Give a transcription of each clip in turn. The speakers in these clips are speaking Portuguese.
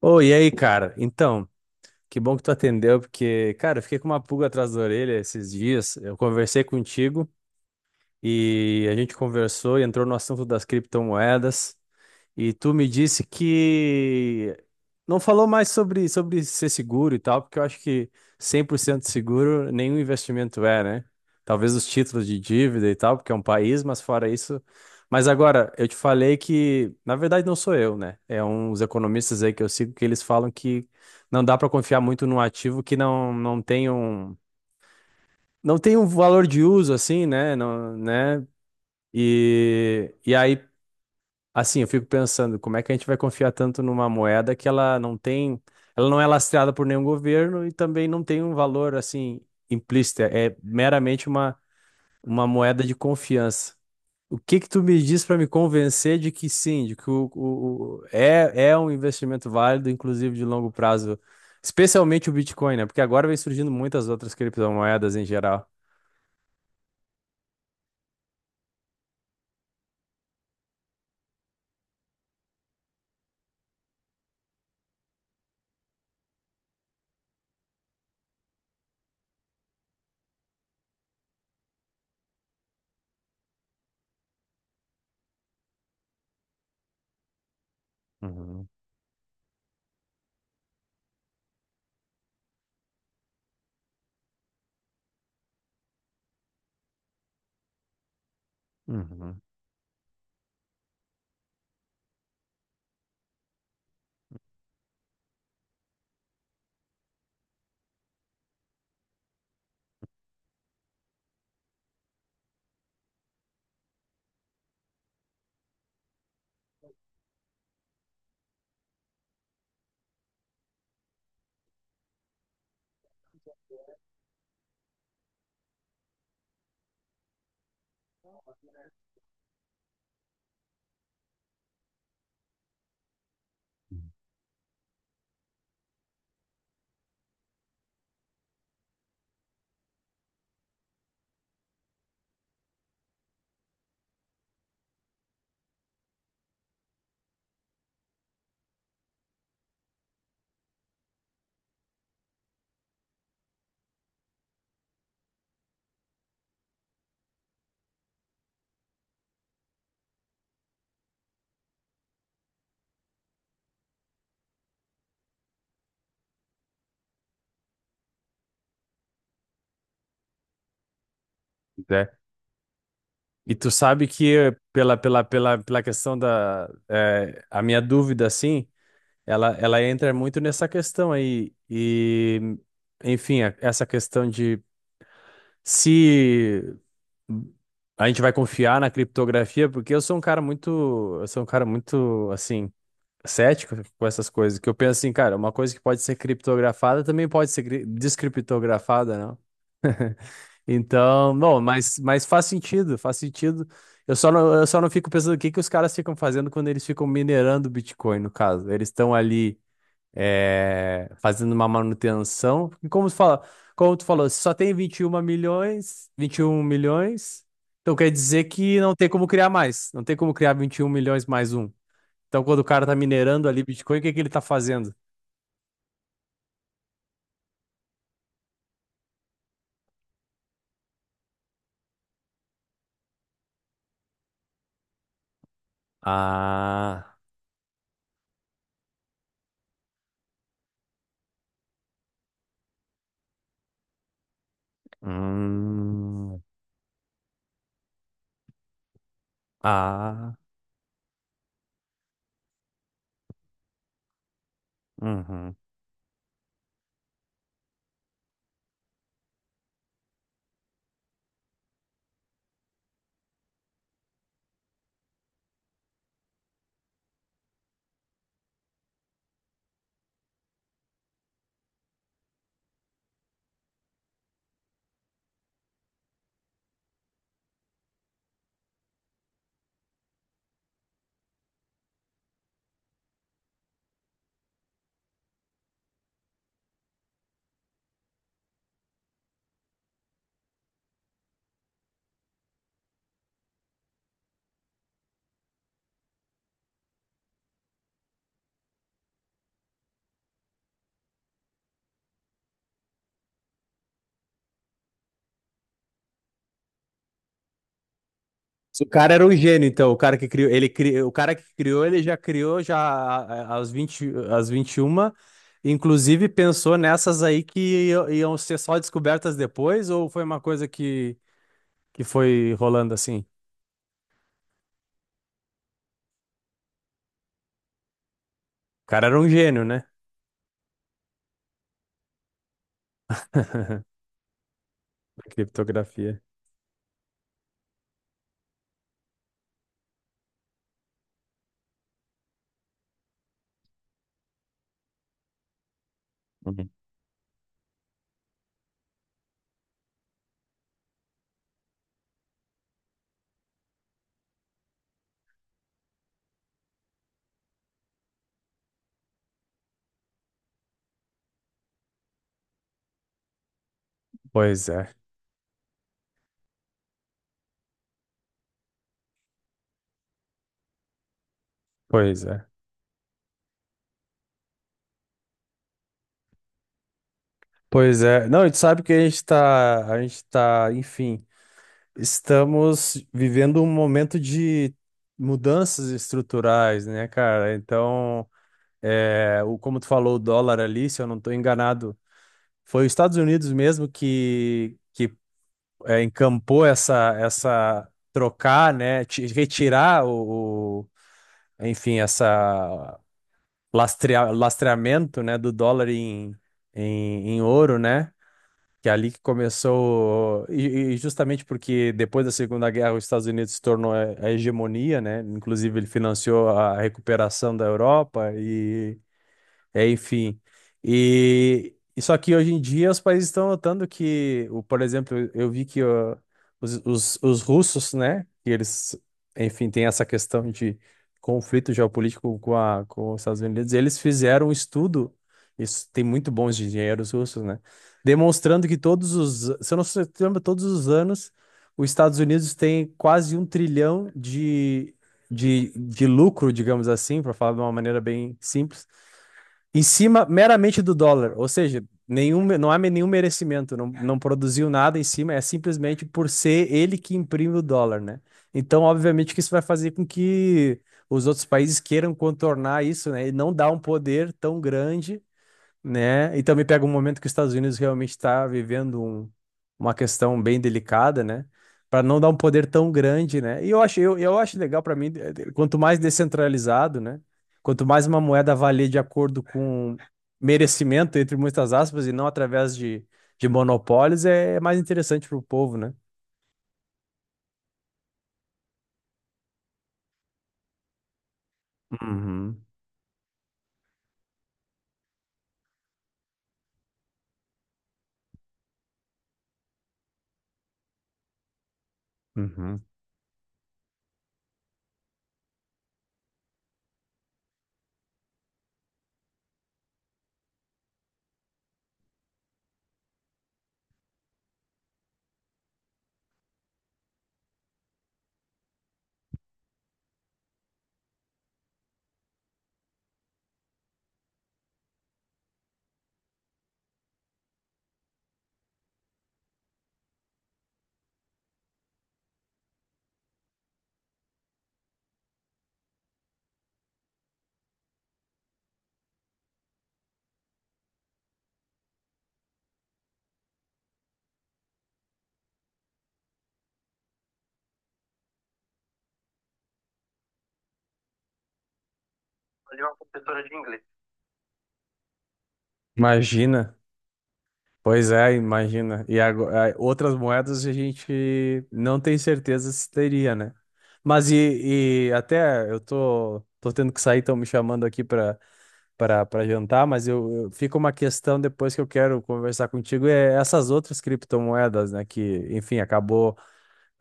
Ô, e aí, cara? Então, que bom que tu atendeu, porque, cara, eu fiquei com uma pulga atrás da orelha esses dias. Eu conversei contigo e a gente conversou e entrou no assunto das criptomoedas. E tu me disse que não falou mais sobre ser seguro e tal, porque eu acho que 100% seguro nenhum investimento é, né? Talvez os títulos de dívida e tal, porque é um país, mas fora isso. Mas agora, eu te falei que, na verdade, não sou eu, né? É uns economistas aí que eu sigo que eles falam que não dá para confiar muito num ativo que não tem um valor de uso assim, né? Não, né? E aí Assim, eu fico pensando, como é que a gente vai confiar tanto numa moeda que ela não é lastreada por nenhum governo e também não tem um valor assim implícito, é meramente uma moeda de confiança. O que que tu me diz para me convencer de que sim, de que é um investimento válido, inclusive de longo prazo, especialmente o Bitcoin, né? Porque agora vem surgindo muitas outras criptomoedas em geral. Uhum, uhum. E tu sabe que pela questão a minha dúvida assim, ela entra muito nessa questão aí e enfim, essa questão de se a gente vai confiar na criptografia, porque eu sou um cara muito assim cético com essas coisas, que eu penso assim, cara, uma coisa que pode ser criptografada também pode ser descriptografada, né? Então, bom, mas faz sentido, faz sentido. Eu só não fico pensando o que que os caras ficam fazendo quando eles ficam minerando o Bitcoin, no caso. Eles estão ali fazendo uma manutenção. E como tu falou, se só tem 21 milhões, 21 milhões, então quer dizer que não tem como criar mais. Não tem como criar 21 milhões mais um. Então, quando o cara tá minerando ali Bitcoin, o que que ele tá fazendo? Ah. Hum. Ah. Uhum. O cara era um gênio, então, o cara que criou, ele já criou já a- aos 20 às 21 inclusive pensou nessas aí que iam ser só descobertas depois, ou foi uma coisa que foi rolando assim? O cara era um gênio, né? Da Criptografia. Uhum. Pois é, pois é. Pois é. Não, e tu sabe que enfim, estamos vivendo um momento de mudanças estruturais, né, cara? Então, como tu falou, o dólar ali, se eu não estou enganado, foi os Estados Unidos mesmo que encampou essa trocar, né, retirar enfim, essa lastreamento, né, do dólar em ouro, né, que é ali que começou, e justamente porque depois da Segunda Guerra os Estados Unidos se tornou a hegemonia, né, inclusive ele financiou a recuperação da Europa enfim. E só que hoje em dia os países estão notando que, por exemplo, eu vi que ó, os russos, né, que eles, enfim, têm essa questão de conflito geopolítico com com os Estados Unidos, eles fizeram um estudo, isso tem muito bons engenheiros russos, né, demonstrando que se eu não se lembra, todos os anos os Estados Unidos têm quase 1 trilhão de lucro, digamos assim, para falar de uma maneira bem simples em cima meramente do dólar, ou seja, não há nenhum merecimento, não produziu nada em cima, é simplesmente por ser ele que imprime o dólar, né? Então, obviamente que isso vai fazer com que os outros países queiram contornar isso, né? E não dar um poder tão grande, né? E também pega um momento que os Estados Unidos realmente está vivendo uma questão bem delicada, né? Para não dar um poder tão grande, né? E eu acho, eu acho legal para mim, quanto mais descentralizado, né? Quanto mais uma moeda valer de acordo com merecimento, entre muitas aspas, e não através de monopólios, é mais interessante para o povo, né? Uhum, uhum. Fazer uma professora de inglês. Imagina. Pois é, imagina. E outras moedas a gente não tem certeza se teria, né? Mas e até eu tô tendo que sair, estão me chamando aqui para jantar, mas fica uma questão depois que eu quero conversar contigo, é essas outras criptomoedas, né? Que, enfim, acabou,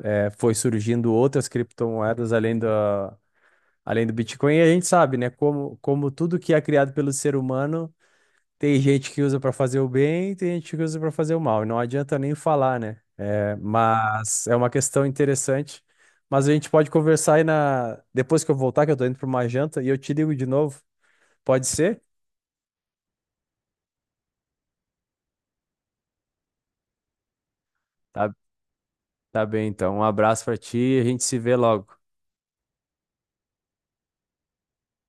foi surgindo outras criptomoedas além do Bitcoin, e a gente sabe, né? Como, como tudo que é criado pelo ser humano. Tem gente que usa pra fazer o bem, tem gente que usa pra fazer o mal. E não adianta nem falar, né? É, mas é uma questão interessante. Mas a gente pode conversar aí depois que eu voltar, que eu tô indo pra uma janta, e eu te ligo de novo. Pode ser? Tá, tá bem, então. Um abraço pra ti e a gente se vê logo.